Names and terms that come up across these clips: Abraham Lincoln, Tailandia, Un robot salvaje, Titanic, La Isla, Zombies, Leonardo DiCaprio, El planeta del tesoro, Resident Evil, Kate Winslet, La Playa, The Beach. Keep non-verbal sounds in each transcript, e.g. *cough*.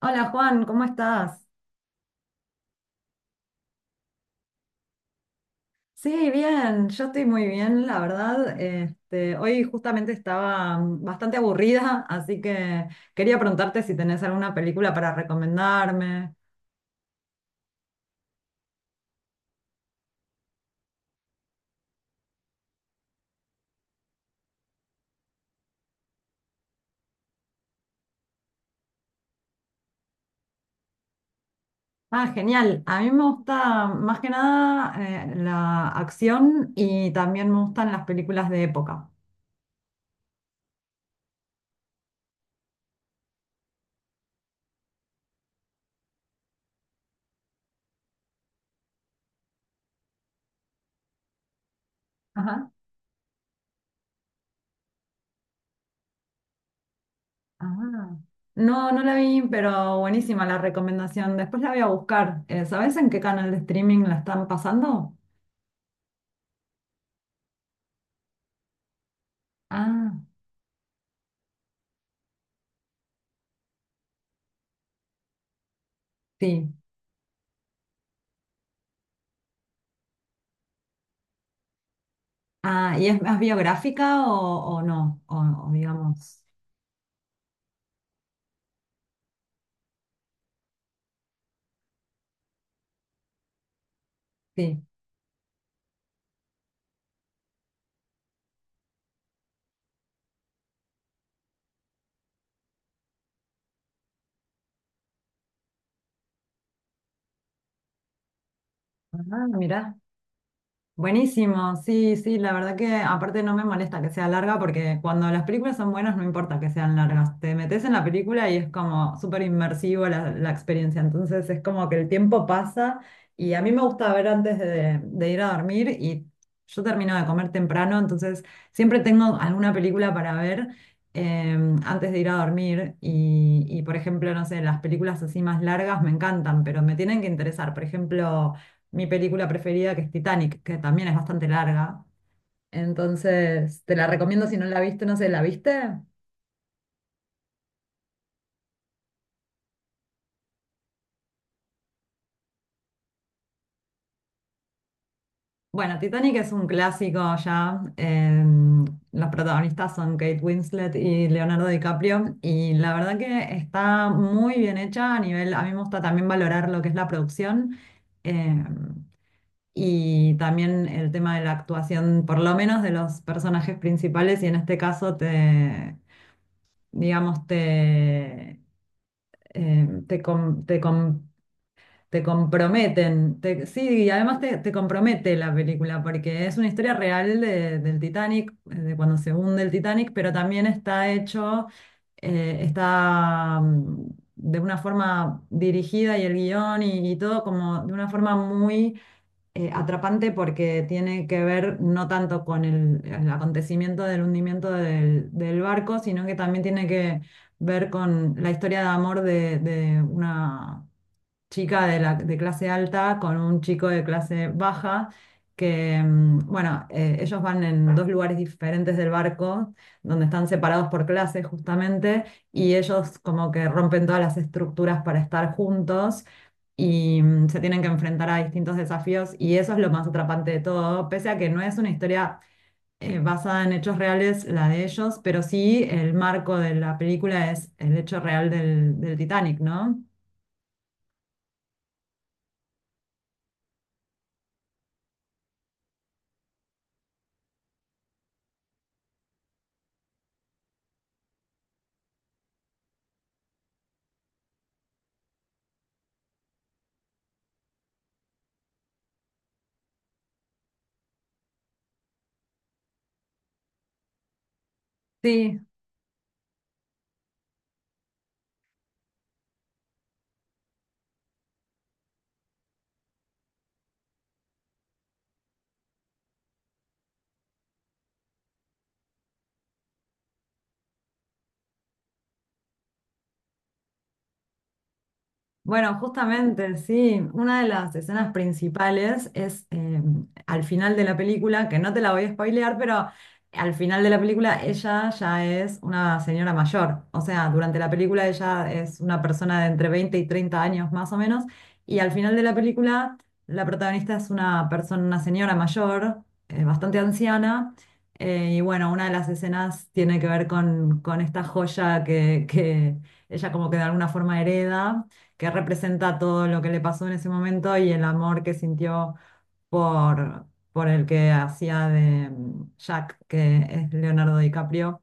Hola Juan, ¿cómo estás? Sí, bien, yo estoy muy bien, la verdad. Este, hoy justamente estaba bastante aburrida, así que quería preguntarte si tenés alguna película para recomendarme. Ah, genial. A mí me gusta más que nada la acción y también me gustan las películas de época. Ajá. Ah. No, no la vi, pero buenísima la recomendación. Después la voy a buscar. ¿Sabés en qué canal de streaming la están pasando? Ah. Sí. Ah, ¿y es más biográfica o no? O digamos, sí. Ah, mira. Buenísimo, sí, sí, la verdad que aparte no me molesta que sea larga porque cuando las películas son buenas no importa que sean largas, te metes en la película y es como súper inmersivo la experiencia, entonces es como que el tiempo pasa y a mí me gusta ver antes de ir a dormir y yo termino de comer temprano, entonces siempre tengo alguna película para ver antes de ir a dormir y por ejemplo, no sé, las películas así más largas me encantan, pero me tienen que interesar, por ejemplo mi película preferida, que es Titanic, que también es bastante larga. Entonces, te la recomiendo si no la viste, no sé, ¿la viste? Bueno, Titanic es un clásico ya. Los protagonistas son Kate Winslet y Leonardo DiCaprio. Y la verdad que está muy bien hecha a nivel, a mí me gusta también valorar lo que es la producción. eh, y también el tema de la actuación, por lo menos de los personajes principales, y en este caso te, digamos, te, eh, te, com- te com- te comprometen. Sí, y además te, te compromete la película, porque es una historia real del Titanic, de cuando se hunde el Titanic, pero también está hecho, está de una forma dirigida y el guión y todo como de una forma muy atrapante porque tiene que ver no tanto con el acontecimiento del hundimiento del, del barco, sino que también tiene que ver con la historia de amor de una chica de, la, de clase alta con un chico de clase baja, que, bueno, ellos van en dos lugares diferentes del barco, donde están separados por clases justamente, y ellos como que rompen todas las estructuras para estar juntos. Y se tienen que enfrentar a distintos desafíos y eso es lo más atrapante de todo, pese a que no es una historia basada en hechos reales, la de ellos, pero sí el marco de la película es el hecho real del, del Titanic, ¿no? Sí, bueno, justamente, sí, una de las escenas principales es al final de la película, que no te la voy a spoilear, pero al final de la película ella ya es una señora mayor, o sea, durante la película ella es una persona de entre 20 y 30 años más o menos, y al final de la película la protagonista es una persona, una señora mayor, bastante anciana. Y bueno, una de las escenas tiene que ver con esta joya que ella como que de alguna forma hereda que representa todo lo que le pasó en ese momento y el amor que sintió por, por el que hacía de Jack, que es Leonardo DiCaprio.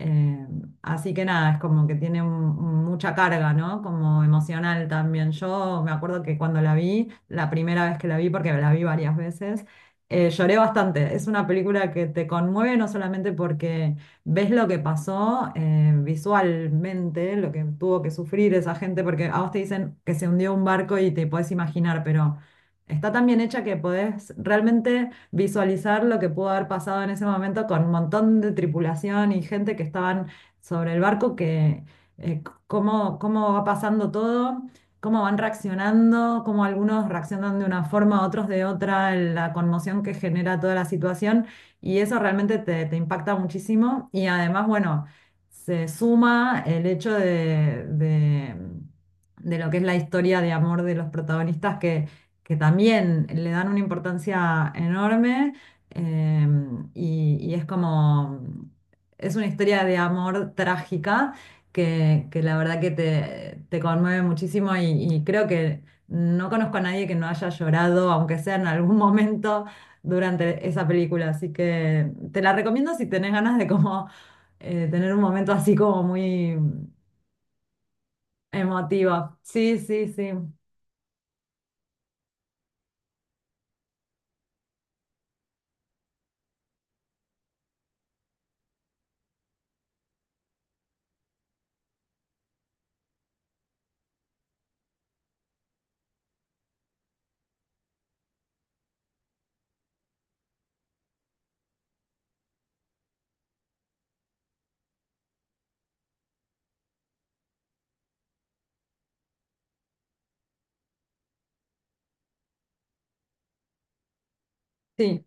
Eh, Así que nada, es como que tiene mucha carga, ¿no? Como emocional también. Yo me acuerdo que cuando la vi, la primera vez que la vi, porque la vi varias veces, lloré bastante. Es una película que te conmueve no solamente porque ves lo que pasó visualmente, lo que tuvo que sufrir esa gente, porque a vos te dicen que se hundió un barco y te podés imaginar, pero está tan bien hecha que podés realmente visualizar lo que pudo haber pasado en ese momento con un montón de tripulación y gente que estaban sobre el barco, que eh, cómo, cómo va pasando todo, cómo van reaccionando, cómo algunos reaccionan de una forma, otros de otra, la conmoción que genera toda la situación y eso realmente te, te impacta muchísimo y además, bueno, se suma el hecho de lo que es la historia de amor de los protagonistas, que también le dan una importancia enorme eh, y es como, es una historia de amor trágica que la verdad que te conmueve muchísimo y creo que no conozco a nadie que no haya llorado, aunque sea en algún *laughs* momento durante esa película, así que te la recomiendo si tenés ganas de como tener un momento así como muy emotivo. Sí, sí, sí, sí.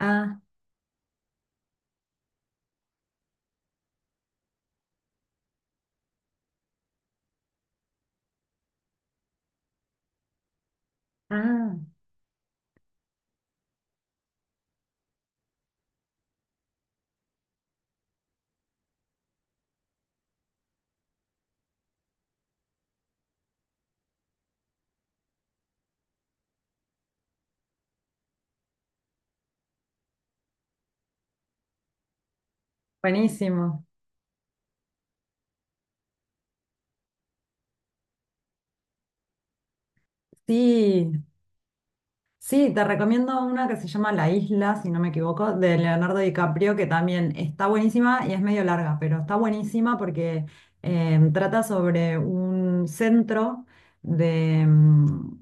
Ah, ah, buenísimo. Sí, sí, te recomiendo una que se llama La Isla, si no me equivoco, de Leonardo DiCaprio, que también está buenísima y es medio larga, pero está buenísima porque trata sobre un centro de, mm,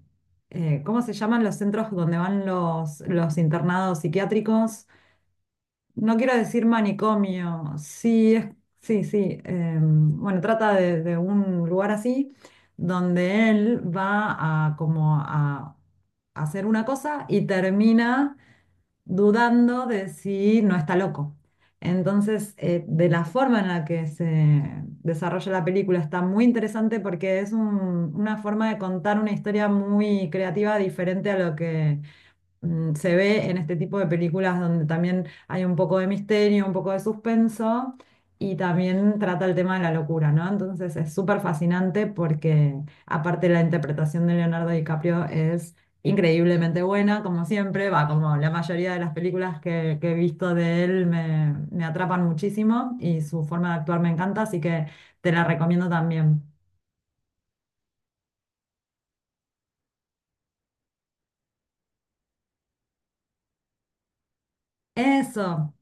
eh, ¿cómo se llaman los centros donde van los internados psiquiátricos? No quiero decir manicomio, sí, es, sí, sí. Bueno, trata de un lugar así donde él va a como a hacer una cosa y termina dudando de si no está loco. Entonces, de la forma en la que se desarrolla la película está muy interesante porque es una forma de contar una historia muy creativa diferente a lo que se ve en este tipo de películas donde también hay un poco de misterio, un poco de suspenso y también trata el tema de la locura, ¿no? Entonces es súper fascinante porque aparte la interpretación de Leonardo DiCaprio es increíblemente buena, como siempre, va, como la mayoría de las películas que he visto de él me, me atrapan muchísimo y su forma de actuar me encanta, así que te la recomiendo también. Eso,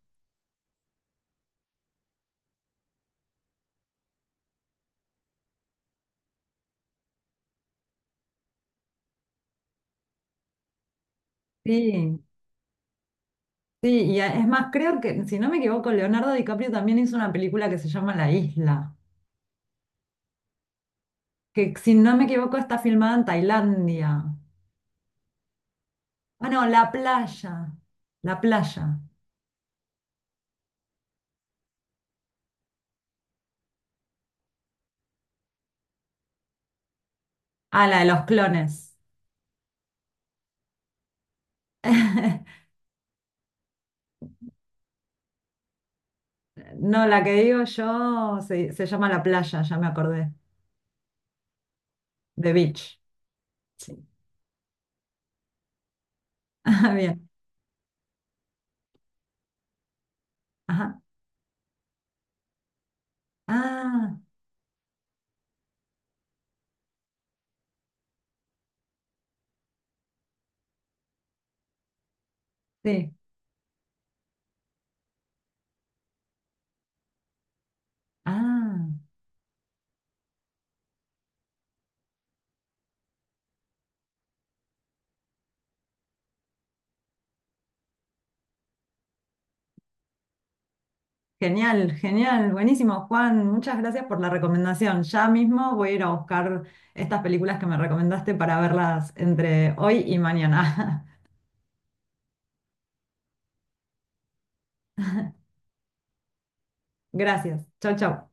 sí. Sí, es más, creo que, si no me equivoco, Leonardo DiCaprio también hizo una película que se llama La Isla, que si no me equivoco está filmada en Tailandia. Ah, no, La Playa, La Playa. Ah, la de los clones. *laughs* No, la que digo yo se, se llama La Playa, ya me acordé, The Beach. Sí. *laughs* Ah, bien, ajá. Ah, sí, ah. Genial, genial, buenísimo, Juan. Muchas gracias por la recomendación. Ya mismo voy a ir a buscar estas películas que me recomendaste para verlas entre hoy y mañana. *laughs* Gracias. Chau, chau.